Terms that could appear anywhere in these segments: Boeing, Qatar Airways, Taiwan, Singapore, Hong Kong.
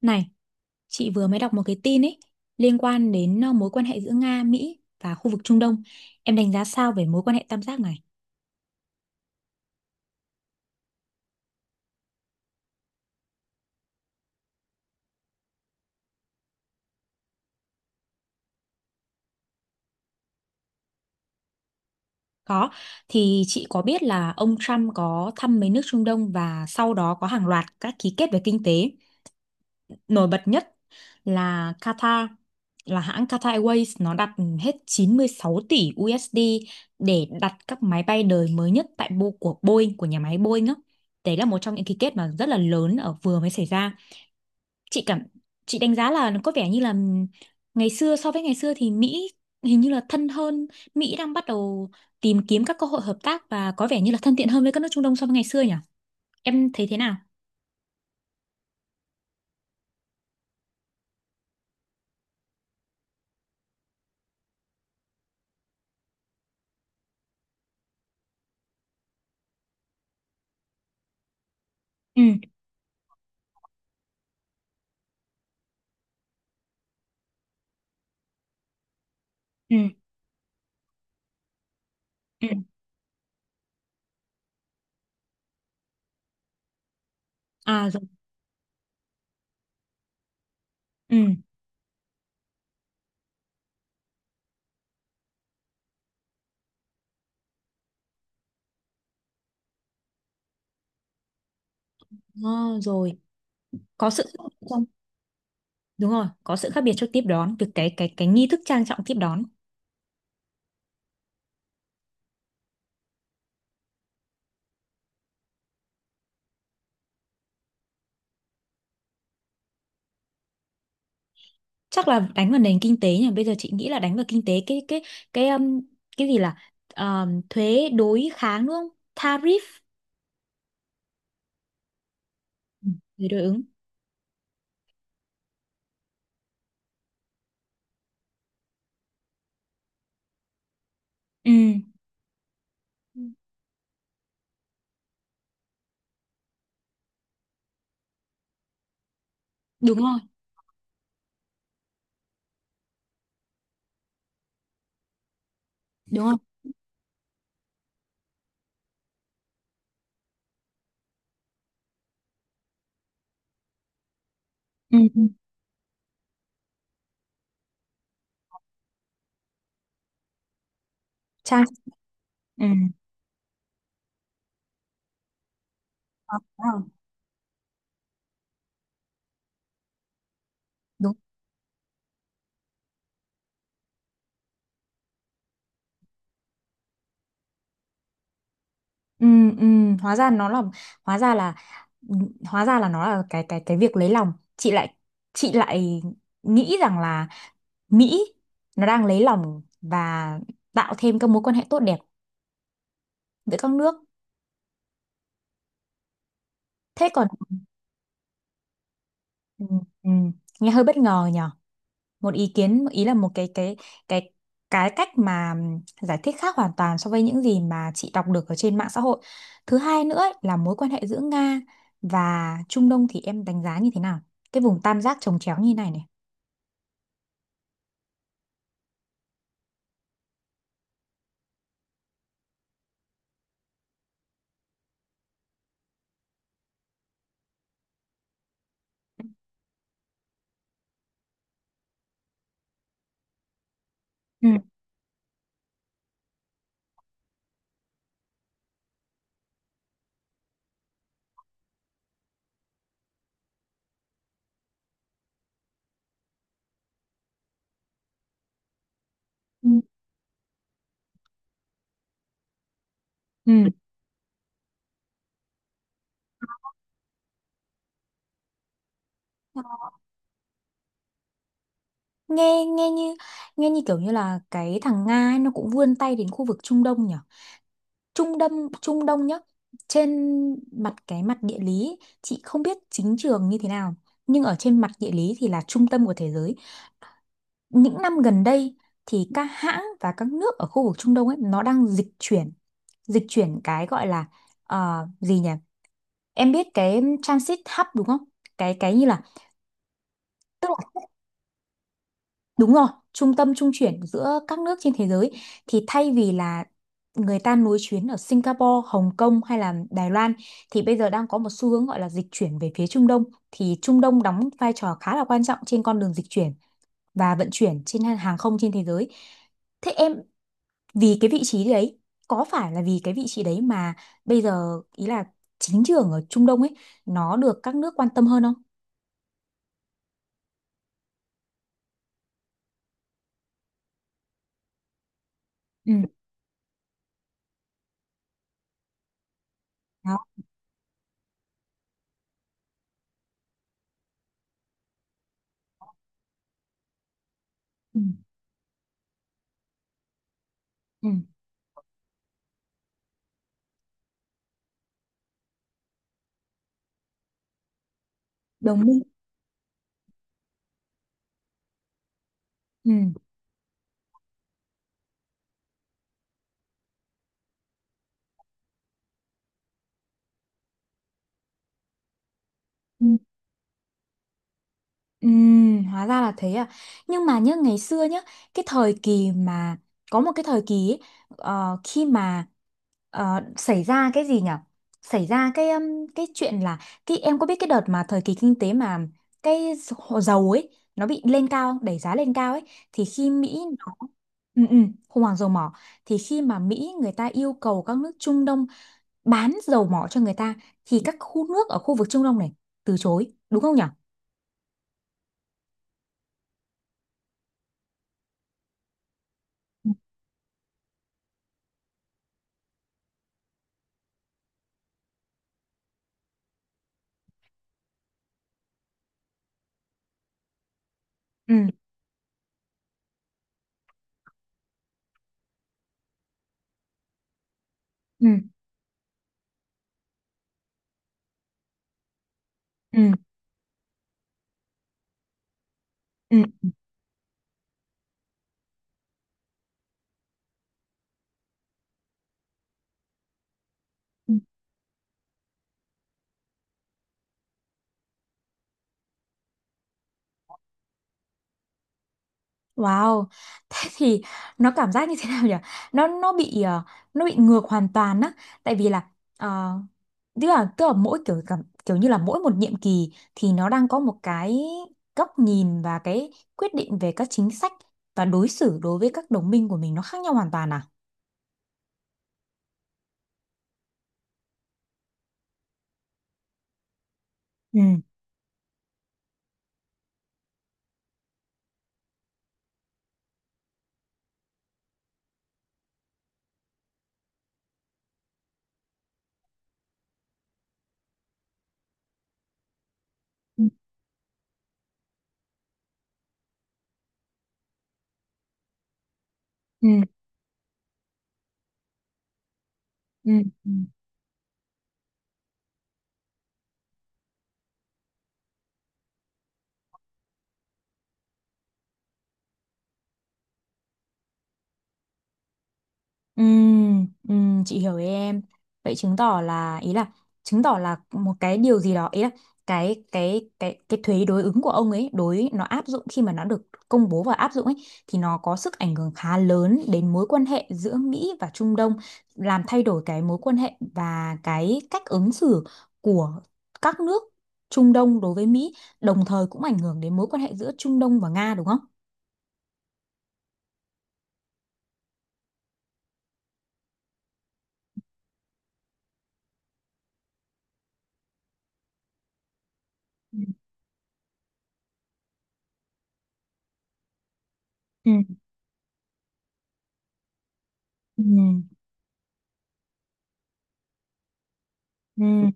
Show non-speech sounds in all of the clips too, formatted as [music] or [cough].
Này, chị vừa mới đọc một cái tin ấy liên quan đến mối quan hệ giữa Nga, Mỹ và khu vực Trung Đông. Em đánh giá sao về mối quan hệ tam giác này? Có, thì chị có biết là ông Trump có thăm mấy nước Trung Đông và sau đó có hàng loạt các ký kết về kinh tế. Nổi bật nhất là Qatar, là hãng Qatar Airways nó đặt hết 96 tỷ USD để đặt các máy bay đời mới nhất tại Bo của Boeing của nhà máy Boeing á. Đấy là một trong những ký kết mà rất là lớn ở vừa mới xảy ra. chị cảm chị đánh giá là nó có vẻ như là ngày xưa so với ngày xưa thì Mỹ hình như là thân hơn. Mỹ đang bắt đầu tìm kiếm các cơ hội hợp tác và có vẻ như là thân thiện hơn với các nước Trung Đông so với ngày xưa nhỉ? Em thấy thế nào? Ừ. Ừ. Ừ. À, rồi. Ừ. À, rồi, có sự khác biệt trong Đúng rồi, có sự khác biệt trong tiếp đón, việc cái cái nghi thức trang trọng tiếp đón. Chắc là đánh vào nền kinh tế nhỉ? Bây giờ chị nghĩ là đánh vào kinh tế, cái cái cái gì là thuế đối kháng, đúng không? Tariff. Ừ, thuế đối ứng. Ừ. Ừ. Đúng rồi. Đúng rồi. Ừ. Ừ. trang ừ. Ờ, đúng rồi. Đúng. Ừ. Ừ. hóa ra nó là hóa ra là Ừ, hóa ra là nó là cái cái việc lấy lòng. Chị lại nghĩ rằng là Mỹ nó đang lấy lòng và tạo thêm các mối quan hệ tốt đẹp giữa các nước. Thế còn, ừ, ừ, nghe hơi bất ngờ nhỉ? Một ý kiến, ý là một cái cái cái cách mà giải thích khác hoàn toàn so với những gì mà chị đọc được ở trên mạng xã hội. Thứ hai nữa ấy, là mối quan hệ giữa Nga và Trung Đông thì em đánh giá như thế nào? Cái vùng tam giác chồng chéo như này này. Ừ. Ừ. Ừ. Nghe nghe như Nghe như kiểu như là cái thằng Nga ấy, nó cũng vươn tay đến khu vực Trung Đông nhỉ? Trung Đông Trung Đông nhá. Trên mặt Cái mặt địa lý chị không biết chính trường như thế nào, nhưng ở trên mặt địa lý thì là trung tâm của thế giới. Những năm gần đây thì các hãng và các nước ở khu vực Trung Đông ấy nó đang dịch chuyển cái gọi là gì nhỉ, em biết cái transit hub đúng không, cái như là, tức là, đúng rồi, trung tâm trung chuyển giữa các nước trên thế giới. Thì thay vì là người ta nối chuyến ở Singapore, Hồng Kông hay là Đài Loan, thì bây giờ đang có một xu hướng gọi là dịch chuyển về phía Trung Đông. Thì Trung Đông đóng vai trò khá là quan trọng trên con đường dịch chuyển và vận chuyển trên hàng không trên thế giới. Thế em, vì cái vị trí đấy có phải là vì cái vị trí đấy mà bây giờ ý là chính trường ở Trung Đông ấy nó được các nước quan tâm hơn không? Ừ. Đó. Ừ. Ừ. Đồng minh. Ừ. Ừ. Hóa ra là thế à. Nhưng mà nhớ ngày xưa nhá, cái thời kỳ mà có một cái thời kỳ ấy, khi mà xảy ra cái gì nhỉ? Xảy ra cái chuyện là, cái em có biết cái đợt mà thời kỳ kinh tế mà cái dầu ấy nó bị lên cao, đẩy giá lên cao ấy, thì khi Mỹ nó, ừ, ừ, khủng hoảng dầu mỏ, thì khi mà Mỹ người ta yêu cầu các nước Trung Đông bán dầu mỏ cho người ta, thì các khu nước ở khu vực Trung Đông này từ chối, đúng không nhỉ? Ừ. Ừ. Ừ, ừ, ừ. Wow. Thế thì nó cảm giác như thế nào nhỉ? Nó bị, nó bị ngược hoàn toàn á, tại vì là ờ, tức là mỗi kiểu cảm kiểu như là mỗi một nhiệm kỳ thì nó đang có một cái góc nhìn và cái quyết định về các chính sách và đối xử đối với các đồng minh của mình nó khác nhau hoàn toàn à? Ừ. Ừ. Ừ. Ừ. Chị hiểu ý em. Vậy chứng tỏ là một cái điều gì đó, ý là cái thuế đối ứng của ông ấy nó áp dụng khi mà nó được công bố và áp dụng ấy, thì nó có sức ảnh hưởng khá lớn đến mối quan hệ giữa Mỹ và Trung Đông, làm thay đổi cái mối quan hệ và cái cách ứng xử của các nước Trung Đông đối với Mỹ, đồng thời cũng ảnh hưởng đến mối quan hệ giữa Trung Đông và Nga đúng không? Ừ. Ừ. Ừ. Ừ.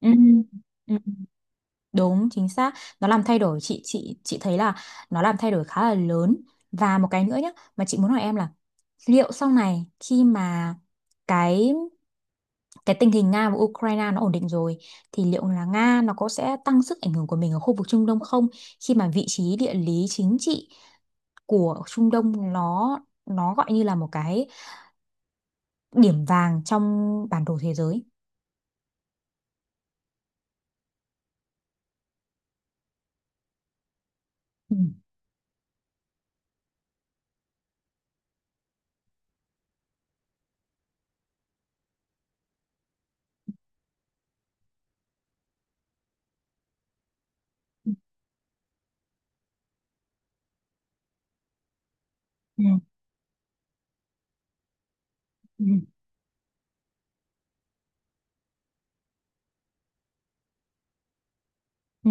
Ừ. Ừ. Đúng, chính xác. Nó làm thay đổi, chị thấy là nó làm thay đổi khá là lớn. Và một cái nữa nhé, mà chị muốn hỏi em là liệu sau này khi mà cái tình hình Nga và Ukraine nó ổn định rồi thì liệu là Nga nó có sẽ tăng sức ảnh hưởng của mình ở khu vực Trung Đông không? Khi mà vị trí địa lý chính trị của Trung Đông nó gọi như là một cái điểm vàng trong bản đồ thế giới. Ừ. Ừ. Ừ. Ừ. Ừ.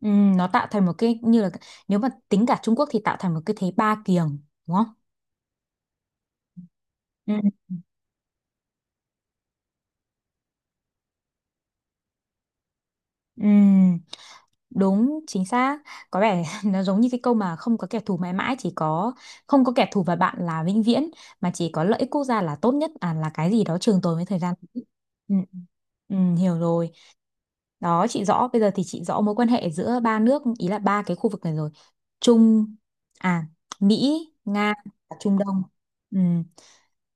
Ừ, nó tạo thành một cái như là, nếu mà tính cả Trung Quốc thì tạo thành một cái thế ba kiềng đúng không? Ừ. Ừ, đúng chính xác. Có vẻ [laughs] nó giống như cái câu mà không có kẻ thù mãi mãi chỉ có không có kẻ thù và bạn là vĩnh viễn, mà chỉ có lợi ích quốc gia là tốt nhất, à, là cái gì đó trường tồn với thời gian. Ừ. Ừ, hiểu rồi. Đó, chị rõ, bây giờ thì chị rõ mối quan hệ giữa ba nước, ý là ba cái khu vực này rồi. Trung, à, Mỹ, Nga và Trung Đông. Ừ,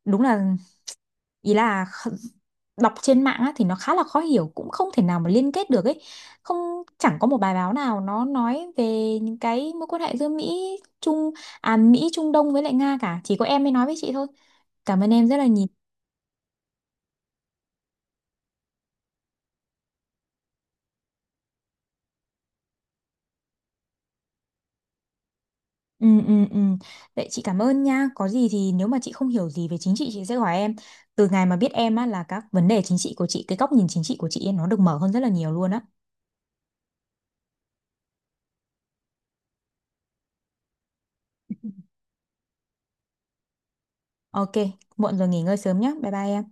đúng là, ý là, đọc trên mạng á thì nó khá là khó hiểu, cũng không thể nào mà liên kết được ấy, không, chẳng có một bài báo nào nó nói về những cái mối quan hệ giữa Trung Mỹ Trung Đông với lại Nga cả, chỉ có em mới nói với chị thôi. Cảm ơn em rất là nhiều. Ừ. Ừ. Ừ. Vậy chị cảm ơn nha, có gì thì nếu mà chị không hiểu gì về chính trị chị sẽ hỏi em. Từ ngày mà biết em á, là các vấn đề chính trị của chị cái góc nhìn chính trị của chị ấy, nó được mở hơn rất là nhiều luôn á. Ok, muộn rồi, nghỉ ngơi sớm nhé, bye bye em.